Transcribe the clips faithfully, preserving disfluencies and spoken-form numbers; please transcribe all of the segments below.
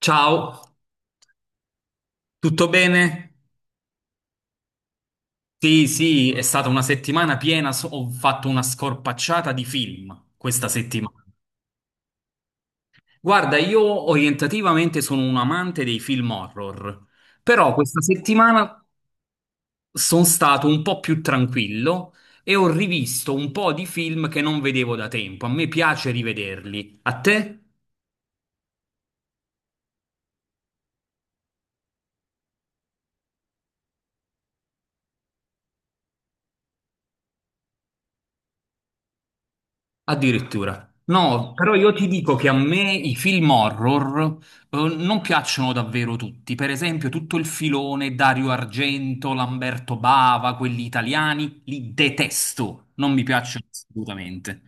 Ciao, tutto bene? Sì, sì, è stata una settimana piena, so- ho fatto una scorpacciata di film questa settimana. Guarda, io orientativamente sono un amante dei film horror, però questa settimana sono stato un po' più tranquillo e ho rivisto un po' di film che non vedevo da tempo. A me piace rivederli. A te? Addirittura. No, però io ti dico che a me i film horror eh, non piacciono davvero tutti. Per esempio, tutto il filone Dario Argento, Lamberto Bava, quelli italiani, li detesto. Non mi piacciono assolutamente.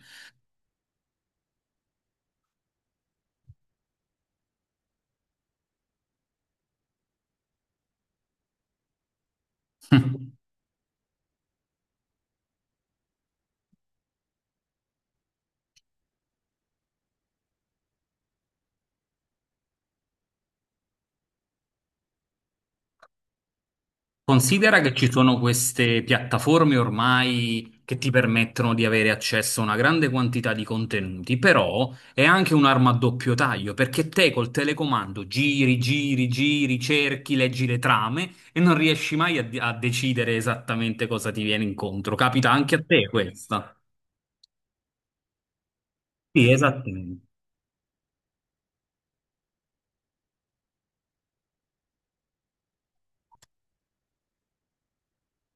Considera che ci sono queste piattaforme ormai che ti permettono di avere accesso a una grande quantità di contenuti, però è anche un'arma a doppio taglio, perché te col telecomando giri, giri, giri, cerchi, leggi le trame e non riesci mai a, di- a decidere esattamente cosa ti viene incontro. Capita anche a te questa? Sì, esattamente.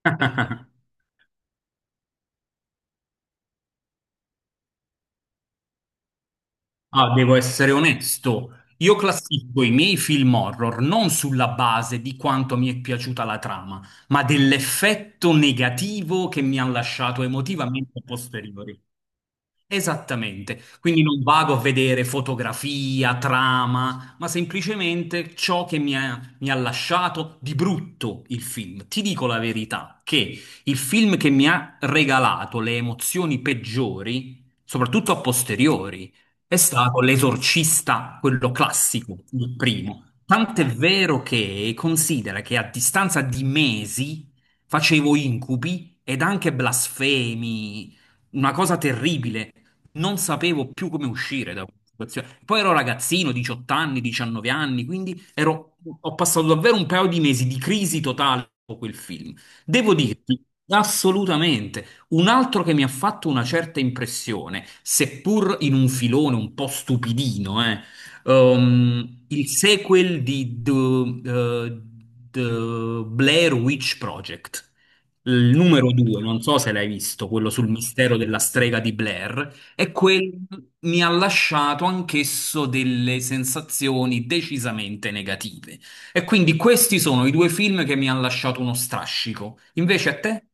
Ah, devo essere onesto, io classifico i miei film horror non sulla base di quanto mi è piaciuta la trama, ma dell'effetto negativo che mi ha lasciato emotivamente a posteriori. Esattamente, quindi non vado a vedere fotografia, trama, ma semplicemente ciò che mi ha, mi ha lasciato di brutto il film. Ti dico la verità, che il film che mi ha regalato le emozioni peggiori, soprattutto a posteriori, è stato L'Esorcista, quello classico, il primo. Tant'è vero che considera che a distanza di mesi facevo incubi ed anche blasfemi, una cosa terribile. Non sapevo più come uscire da questa situazione. Poi ero ragazzino, diciotto anni, diciannove anni, quindi ero- ho passato davvero un paio di mesi di crisi totale con quel film. Devo dirti, assolutamente, un altro che mi ha fatto una certa impressione, seppur in un filone un po' stupidino, eh, ehm, il sequel di The, eh, The Blair Witch Project. Il numero due, non so se l'hai visto, quello sul mistero della strega di Blair, e quel mi ha lasciato anch'esso delle sensazioni decisamente negative. E quindi questi sono i due film che mi hanno lasciato uno strascico. Invece a te?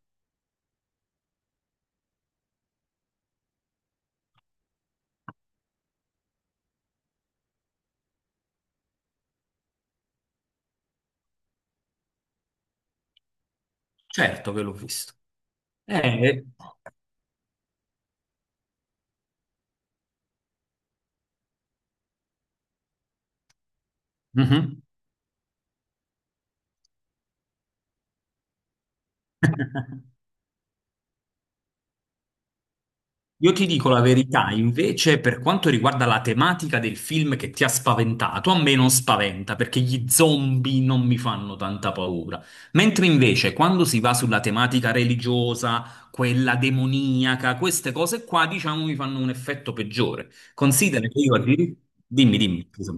Certo che l'ho visto. Eh, mhm. Io ti dico la verità, invece, per quanto riguarda la tematica del film che ti ha spaventato, a me non spaventa perché gli zombie non mi fanno tanta paura. Mentre invece, quando si va sulla tematica religiosa, quella demoniaca, queste cose qua, diciamo, mi fanno un effetto peggiore. Considera che io addirittura... Dimmi, dimmi, scusa.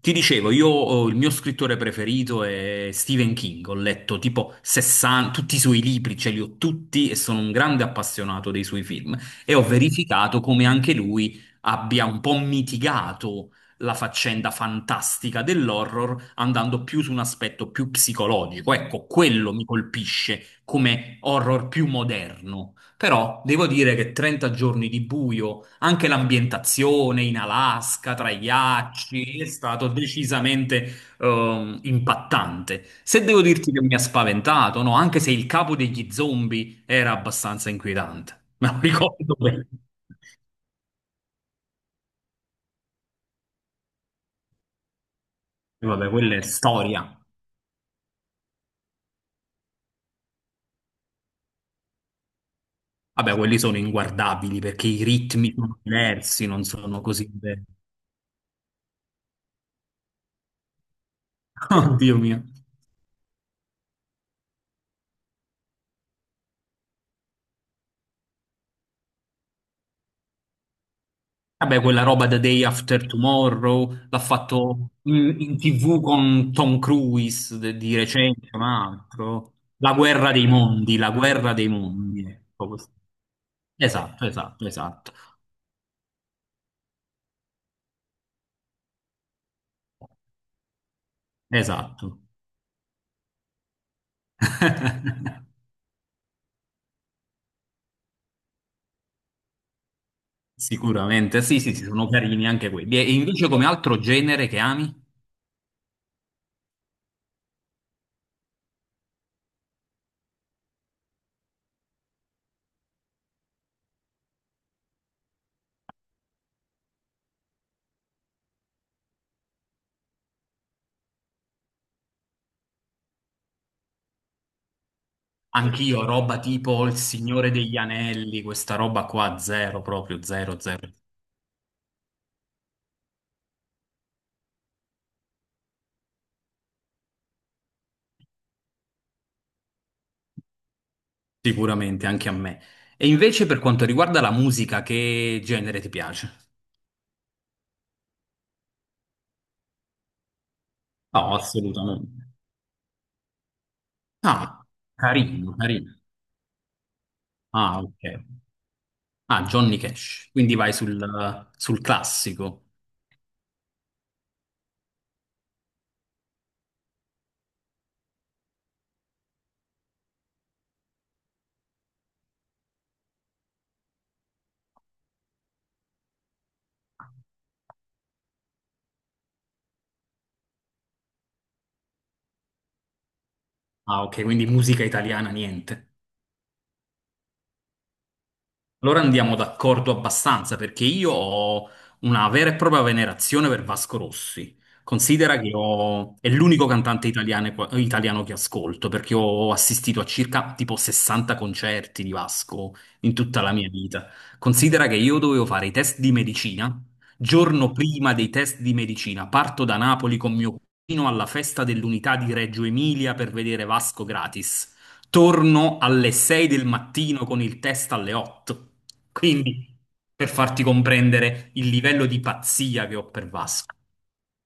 Ti dicevo, io oh, il mio scrittore preferito è Stephen King, ho letto tipo sessanta, tutti i suoi libri, ce li ho tutti e sono un grande appassionato dei suoi film e ho verificato come anche lui abbia un po' mitigato la faccenda fantastica dell'horror andando più su un aspetto più psicologico. Ecco, quello mi colpisce come horror più moderno. Però devo dire che trenta giorni di buio, anche l'ambientazione in Alaska, tra i ghiacci, è stato decisamente ehm, impattante. Se devo dirti che mi ha spaventato, no? Anche se il capo degli zombie era abbastanza inquietante. Me lo ricordo bene. E vabbè, quella è storia. Vabbè, quelli sono inguardabili perché i ritmi sono diversi, non sono così belli. Oddio mio. Vabbè, quella roba The Day After Tomorrow l'ha fatto in, in T V con Tom Cruise de- di recente, un altro. La guerra dei mondi, la guerra dei mondi, ecco questo. Esatto, esatto, esatto. Esatto. Sicuramente, sì, sì, sì, sono carini anche quelli. E invece come altro genere che ami? Anch'io, roba tipo Il Signore degli Anelli, questa roba qua, zero, proprio zero, zero. Sicuramente, anche a me. E invece per quanto riguarda la musica, che genere ti piace? No, assolutamente. Ah, carino, carino. Ah, ok. Ah, Johnny Cash. Quindi vai sul, sul classico. Ah, ok, quindi musica italiana, niente. Allora andiamo d'accordo abbastanza perché io ho una vera e propria venerazione per Vasco Rossi. Considera che ho- è l'unico cantante italiano, italiano che ascolto, perché ho assistito a circa tipo sessanta concerti di Vasco in tutta la mia vita. Considera che io dovevo fare i test di medicina. Giorno prima dei test di medicina parto da Napoli con mio cugino alla festa dell'unità di Reggio Emilia per vedere Vasco gratis, torno alle sei del mattino con il test alle otto. Quindi, per farti comprendere il livello di pazzia che ho per Vasco.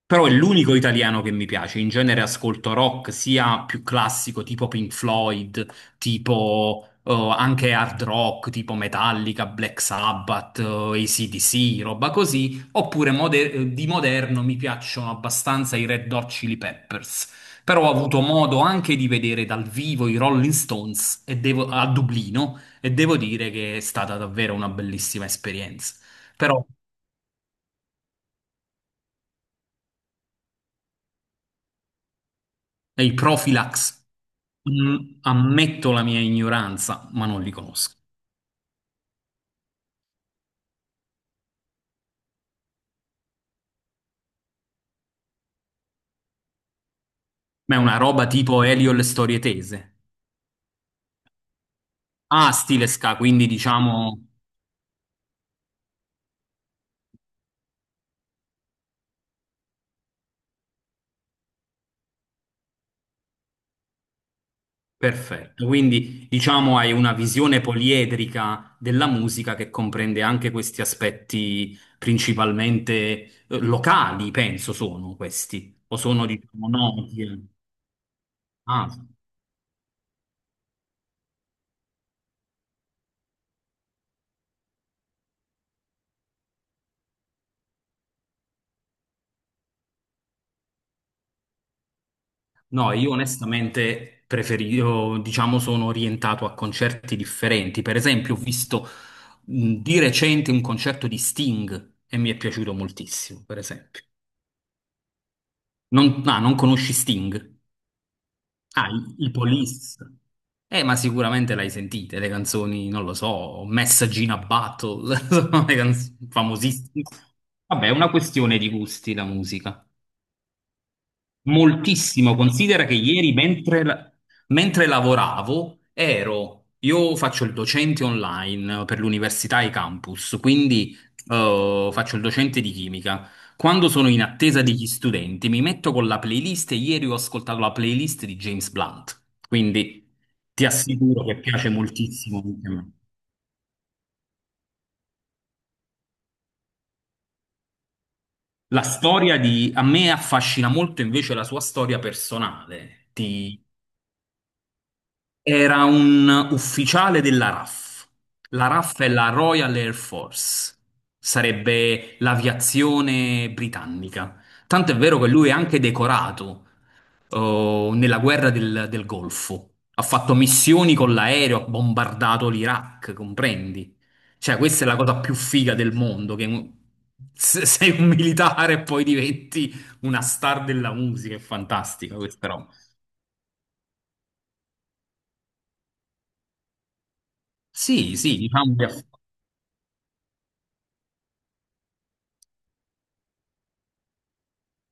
Però è l'unico italiano che mi piace. In genere ascolto rock sia più classico, tipo Pink Floyd, tipo eh, anche hard rock, tipo Metallica, Black Sabbath, eh, A C/D C, roba così. Oppure mode- eh, di moderno mi piacciono abbastanza i Red Hot Chili Peppers. Però ho avuto modo anche di vedere dal vivo i Rolling Stones e devo- a Dublino, e devo dire che è stata davvero una bellissima esperienza. Però è il Profilax. Mm, ammetto la mia ignoranza, ma non li conosco. Ma è una roba tipo Elio e le storie tese. Ah, stile ska, quindi diciamo, perfetto. Quindi diciamo hai una visione poliedrica della musica che comprende anche questi aspetti, principalmente eh, locali, penso sono questi, o sono diciamo noti. Eh. Ah, sì. No, io onestamente preferisco, diciamo, sono orientato a concerti differenti. Per esempio, ho visto mh, di recente un concerto di Sting e mi è piaciuto moltissimo, per esempio. Non, ah, non conosci Sting? Ah, i, i Police. Eh, ma sicuramente l'hai sentite, le canzoni, non lo so, Message in a Battle, sono le canzoni famosissime. Vabbè, è una questione di gusti la musica. Moltissimo, considera che ieri mentre, la- mentre lavoravo ero, io faccio il docente online per l'università e i campus, quindi eh, faccio il docente di chimica. Quando sono in attesa degli studenti mi metto con la playlist, e ieri ho ascoltato la playlist di James Blunt, quindi ti assicuro che piace moltissimo anche a me. La storia di, a me affascina molto invece la sua storia personale. Ti, Era un ufficiale della raf. La raf è la Royal Air Force, sarebbe l'aviazione britannica. Tanto è vero che lui è anche decorato oh, nella guerra del, del Golfo. Ha fatto missioni con l'aereo, ha bombardato l'Iraq, comprendi? Cioè, questa è la cosa più figa del mondo, che un- se- sei un militare e poi diventi una star della musica, è fantastica questa roba. Sì, sì, diciamo che,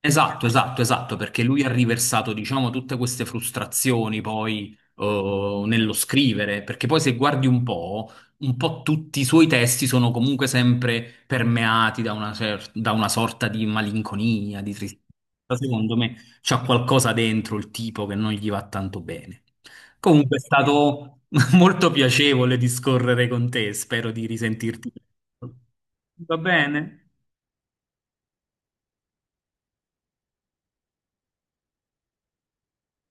esatto, esatto, esatto, perché lui ha riversato, diciamo, tutte queste frustrazioni poi eh, nello scrivere, perché poi se guardi un po', un po' tutti i suoi testi sono comunque sempre permeati da una, cer- da una sorta di malinconia, di tristezza. Secondo me c'ha qualcosa dentro il tipo che non gli va tanto bene. Comunque è stato molto piacevole discorrere con te, spero di risentirti presto. Va bene?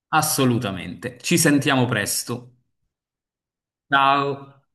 Assolutamente. Ci sentiamo presto. Ciao.